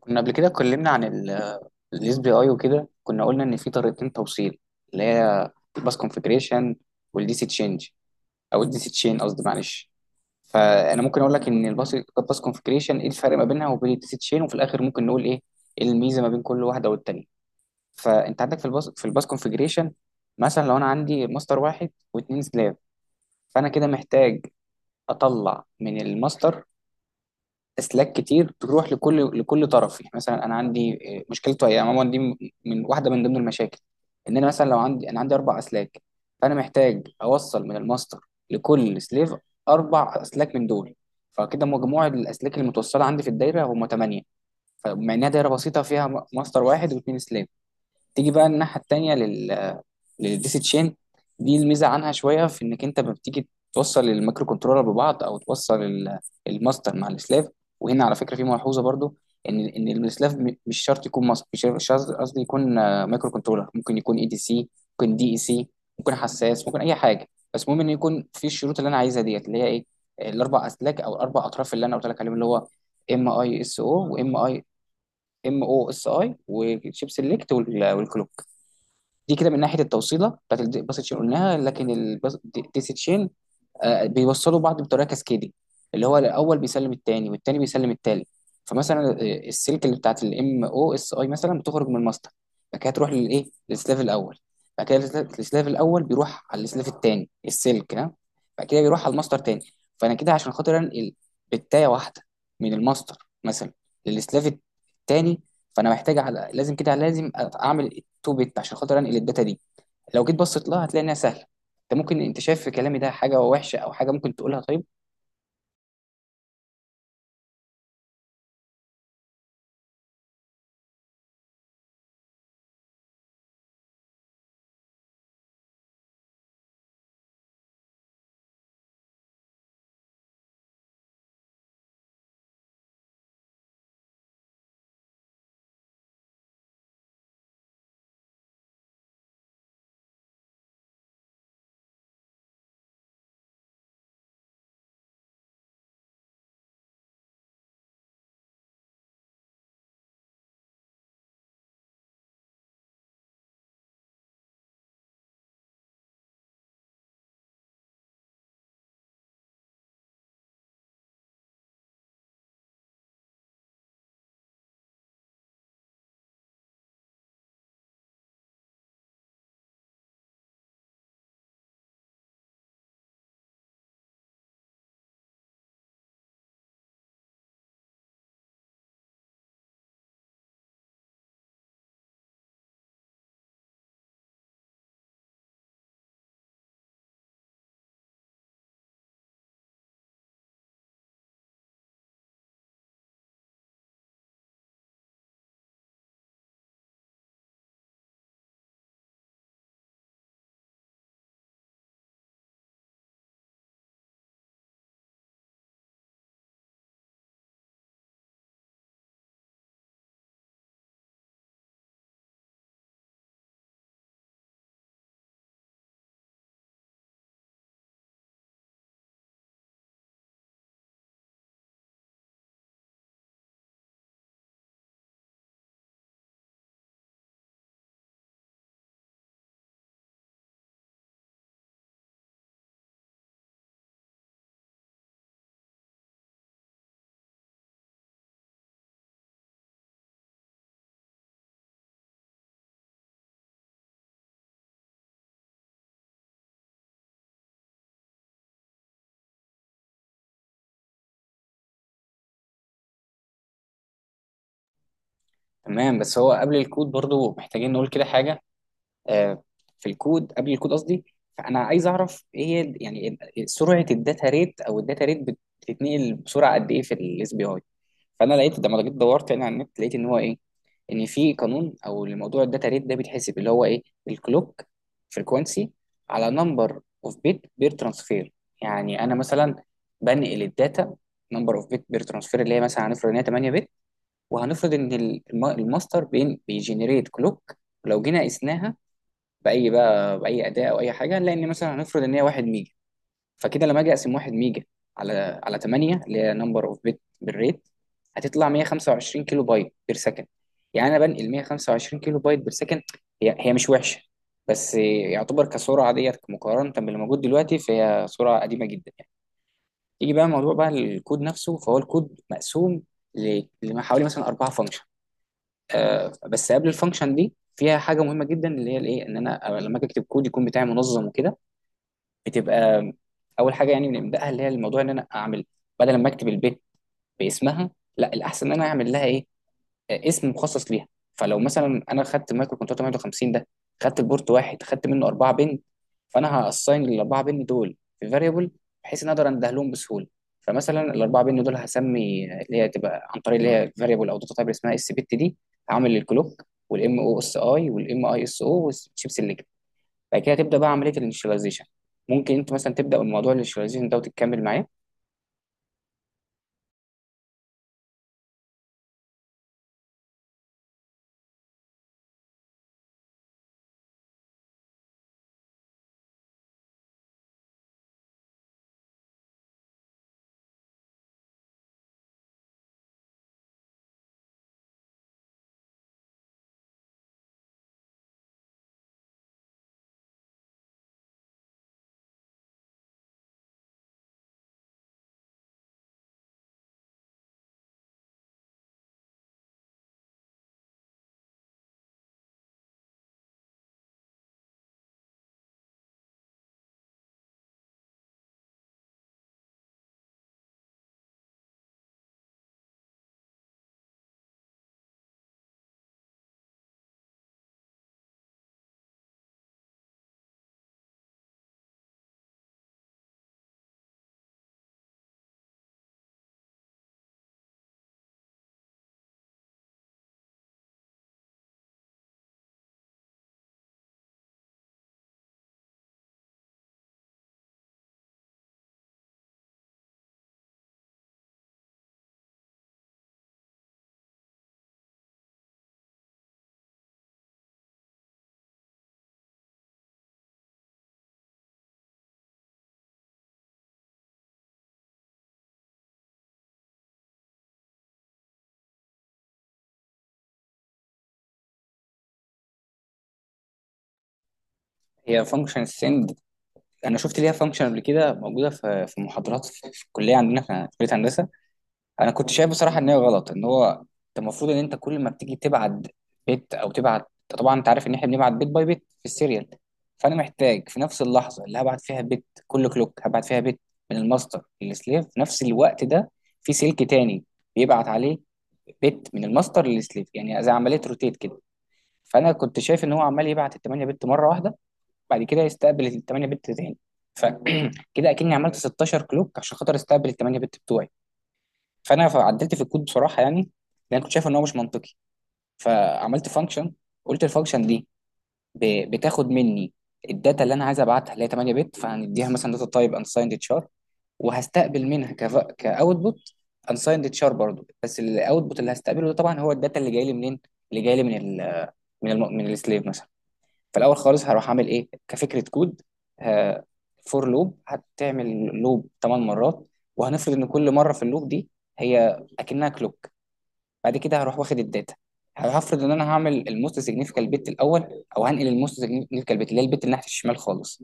كنا قبل كده اتكلمنا عن الاس بي اي وكده كنا قلنا ان في طريقتين توصيل اللي هي الباس كونفجريشن والدي سي تشينج او الدي سي تشين، قصدي معلش. فانا ممكن اقول لك ان الباس كونفجريشن ايه الفرق ما بينها وبين الدي سي تشين، وفي الاخر ممكن نقول ايه الميزه ما بين كل واحده والتانيه. فانت عندك في الباس كونفجريشن، مثلا لو انا عندي ماستر واحد واثنين سلاف، فانا كده محتاج اطلع من الماستر اسلاك كتير تروح لكل طرف. يعني مثلا انا عندي مشكلته هي عموما دي من واحده من ضمن المشاكل، ان انا مثلا لو عندي انا عندي اربع اسلاك، فانا محتاج اوصل من الماستر لكل سليف اربع اسلاك من دول، فكده مجموع الاسلاك المتوصله عندي في الدايره هم ثمانيه، فمع انها دايره بسيطه فيها ماستر واحد واثنين سليف. تيجي بقى الناحيه التانيه للديسي تشين، دي الميزه عنها شويه في انك انت ما بتيجي توصل المايكرو كنترولر ببعض او توصل الماستر مع السلاف. وهنا على فكره في ملحوظه برضو، ان ان السلاف مش شرط يكون ماستر، مش شرط قصدي يكون مايكرو كنترولر، ممكن يكون اي دي سي، ممكن دي اي سي، ممكن حساس، ممكن اي حاجه. بس المهم ان يكون في الشروط اللي انا عايزها ديت اللي هي ايه، الاربع اسلاك او الاربع اطراف اللي انا قلت لك عليهم، اللي هو ام اي اس او، وام اي ام او اس اي، وشيب سيلكت، والكلوك. دي كده من ناحيه التوصيله بتاعت الباس تشين قلناها، لكن ديسي تشين بيوصلوا بعض بطريقه كاسكيدي، اللي هو الاول بيسلم التاني والتاني بيسلم التالت. فمثلا السلك اللي بتاعت الام او اس اي مثلا بتخرج من الماستر، بعد كده تروح للايه للسلاف الاول، بعد كده السلاف الاول بيروح على السلاف التاني السلك ها، بعد كده بيروح على الماستر تاني. فانا كده عشان خاطر انقل بتايه واحده من الماستر مثلا للسلاف التاني، فانا محتاج على لازم كده لازم اعمل التو بت عشان خاطر انقل الداتا دي. لو جيت بصيت لها هتلاقي انها سهله. انت شايف في كلامي ده حاجه وحشه او حاجه ممكن تقولها؟ طيب، تمام، بس هو قبل الكود برضو محتاجين نقول كده حاجه. آه، في قبل الكود قصدي، فانا عايز اعرف ايه هي يعني سرعه الداتا ريت، او الداتا ريت بتتنقل بسرعه قد ايه في الاس بي اي. فانا لقيت لما جيت دورت يعني على النت لقيت ان هو ايه، ان في قانون او الموضوع الداتا ريت ده بيتحسب اللي هو ايه، الكلوك فريكوانسي على نمبر اوف بيت بير ترانسفير. يعني انا مثلا بنقل الداتا، نمبر اوف بيت بير ترانسفير اللي هي مثلا هنفرض ان هي 8 بت، وهنفرض ان الماستر بين بيجنريت كلوك، لو جينا قسناها باي بقى باي اداه او اي حاجه، هنلاقي ان مثلا هنفرض ان هي 1 ميجا. فكده لما اجي اقسم 1 ميجا على 8 اللي هي نمبر اوف بت بالريت، هتطلع 125 كيلو بايت بير سكند. يعني انا بنقل 125 كيلو بايت بير سكند، هي هي مش وحشه، بس يعتبر كسرعه ديت مقارنه باللي موجود دلوقتي فهي سرعه قديمه جدا يعني. يجي بقى موضوع بقى الكود نفسه، فهو الكود مقسوم لحوالي مثلا اربعه فانكشن. بس قبل الفانكشن دي فيها حاجه مهمه جدا اللي هي الايه، ان انا لما اجي اكتب كود يكون بتاعي منظم وكده، بتبقى اول حاجه يعني بنبداها اللي هي الموضوع ان انا اعمل بدل ما اكتب البيت باسمها، لا الاحسن ان انا اعمل لها ايه، اسم مخصص ليها. فلو مثلا انا خدت مايكرو كنترول 850 ده، خدت البورت واحد، خدت منه اربعه بن، فانا هاساين الاربعه بن دول في فاريبل بحيث ان اقدر انده لهم بسهوله. فمثلا الاربعه بن دول هسمي اللي هي تبقى عن طريق اللي هي فاريبل او داتا تايب اسمها اس بت دي، هعمل الكلوك والام او اس اي والام اي اس او والشيب. بعد كده تبدا بقى عمليه الانشاليزيشن، ممكن انت مثلا تبدا بموضوع الانشاليزيشن ده وتكمل معاه. هي فانكشن السند، انا شفت ليها فانكشن قبل كده موجوده في محاضرات في الكليه عندنا، في كليه هندسه. انا كنت شايف بصراحه ان هي غلط، ان هو انت المفروض ان انت كل ما بتيجي تبعت بيت او تبعت، أنت طبعا انت عارف ان احنا بنبعت بيت باي بيت في السيريال، فانا محتاج في نفس اللحظه اللي هبعت فيها بيت كل كلوك هبعت فيها بيت من الماستر للسليف، في نفس الوقت ده في سلك تاني بيبعت عليه بيت من الماستر للسليف، يعني زي عمليه روتيت كده. فانا كنت شايف ان هو عمال يبعت ال 8 بت مره واحده، بعد كده يستقبل ال 8 بت تاني، فكده اكني عملت 16 كلوك عشان خاطر استقبل ال 8 بت بتوعي. فانا عدلت في الكود بصراحه يعني، لان أنا كنت شايف ان هو مش منطقي. فعملت فانكشن، قلت الفانكشن دي بتاخد مني الداتا اللي انا عايز ابعتها اللي هي 8 بت، فهنديها مثلا داتا تايب انسايند تشار، وهستقبل منها كاوتبوت انسايند تشار برضو، بس الاوتبوت اللي هستقبله ده طبعا هو الداتا اللي جاي لي منين، اللي جاي لي من من السليف مثلا. فالاول خالص هروح اعمل ايه كفكره كود، فور لوب هتعمل لوب 8 مرات، وهنفرض ان كل مره في اللوب دي هي اكنها كلوك. بعد كده هروح واخد الداتا، هفرض ان انا هعمل الموست سيجنيفيكال بت الاول، او هنقل الموست سيجنيفيكال بت اللي هي البت اللي ناحيه الشمال خالص.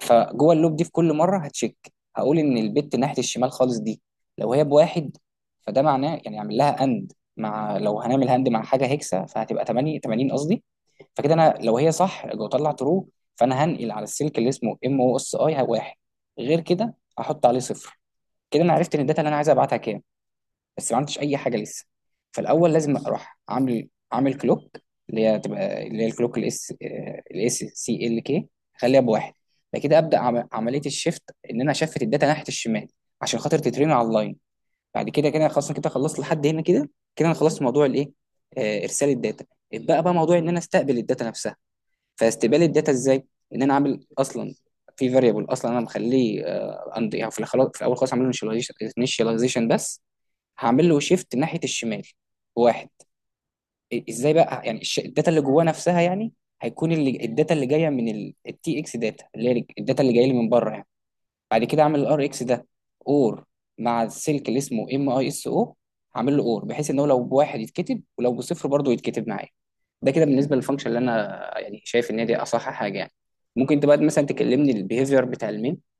فجوه اللوب دي في كل مره هتشيك، هقول ان البت ناحيه الشمال خالص دي لو هي بواحد، فده معناه يعني اعمل لها اند، مع لو هنعمل هند مع حاجه هيكسا فهتبقى 8 80 قصدي، فكده انا لو هي صح لو طلع ترو، فانا هنقل على السلك اللي اسمه ام او اس اي واحد، غير كده هحط عليه صفر. كده انا عرفت ان الداتا اللي انا عايز ابعتها كام، بس ما عملتش اي حاجه لسه. فالاول لازم اروح عامل كلوك اللي هي تبقى اللي هي الكلوك الاس، الاس سي ال كي، اخليها بواحد، بعد كده ابدا عمليه الشيفت، ان انا اشفت الداتا ناحيه الشمال عشان خاطر تترين على اللاين. بعد كده كده خلاص، أنا كده خلصت لحد هنا كده. كده انا خلصت موضوع الايه، ارسال الداتا. اتبقى بقى موضوع ان انا استقبل الداتا نفسها، فاستقبال الداتا ازاي، ان انا عامل اصلا في فاريبل اصلا انا مخليه يعني في في الاول خالص عامل له initialization بس، هعمل له شيفت ناحيه الشمال واحد. ازاي بقى يعني الداتا اللي جواه نفسها يعني، هيكون اللي الداتا اللي جايه من التي اكس داتا اللي هي الداتا اللي جايه لي من بره يعني. بعد كده اعمل الار اكس ده اور مع السلك اللي اسمه ام اي اس او، هعمل له اور بحيث ان هو لو بواحد يتكتب ولو بصفر برضه يتكتب معايا. ده كده بالنسبه للفانكشن اللي انا يعني شايف ان هي دي اصح حاجه يعني. ممكن انت بقى مثلا تكلمني البيهيفير بتاع المين؟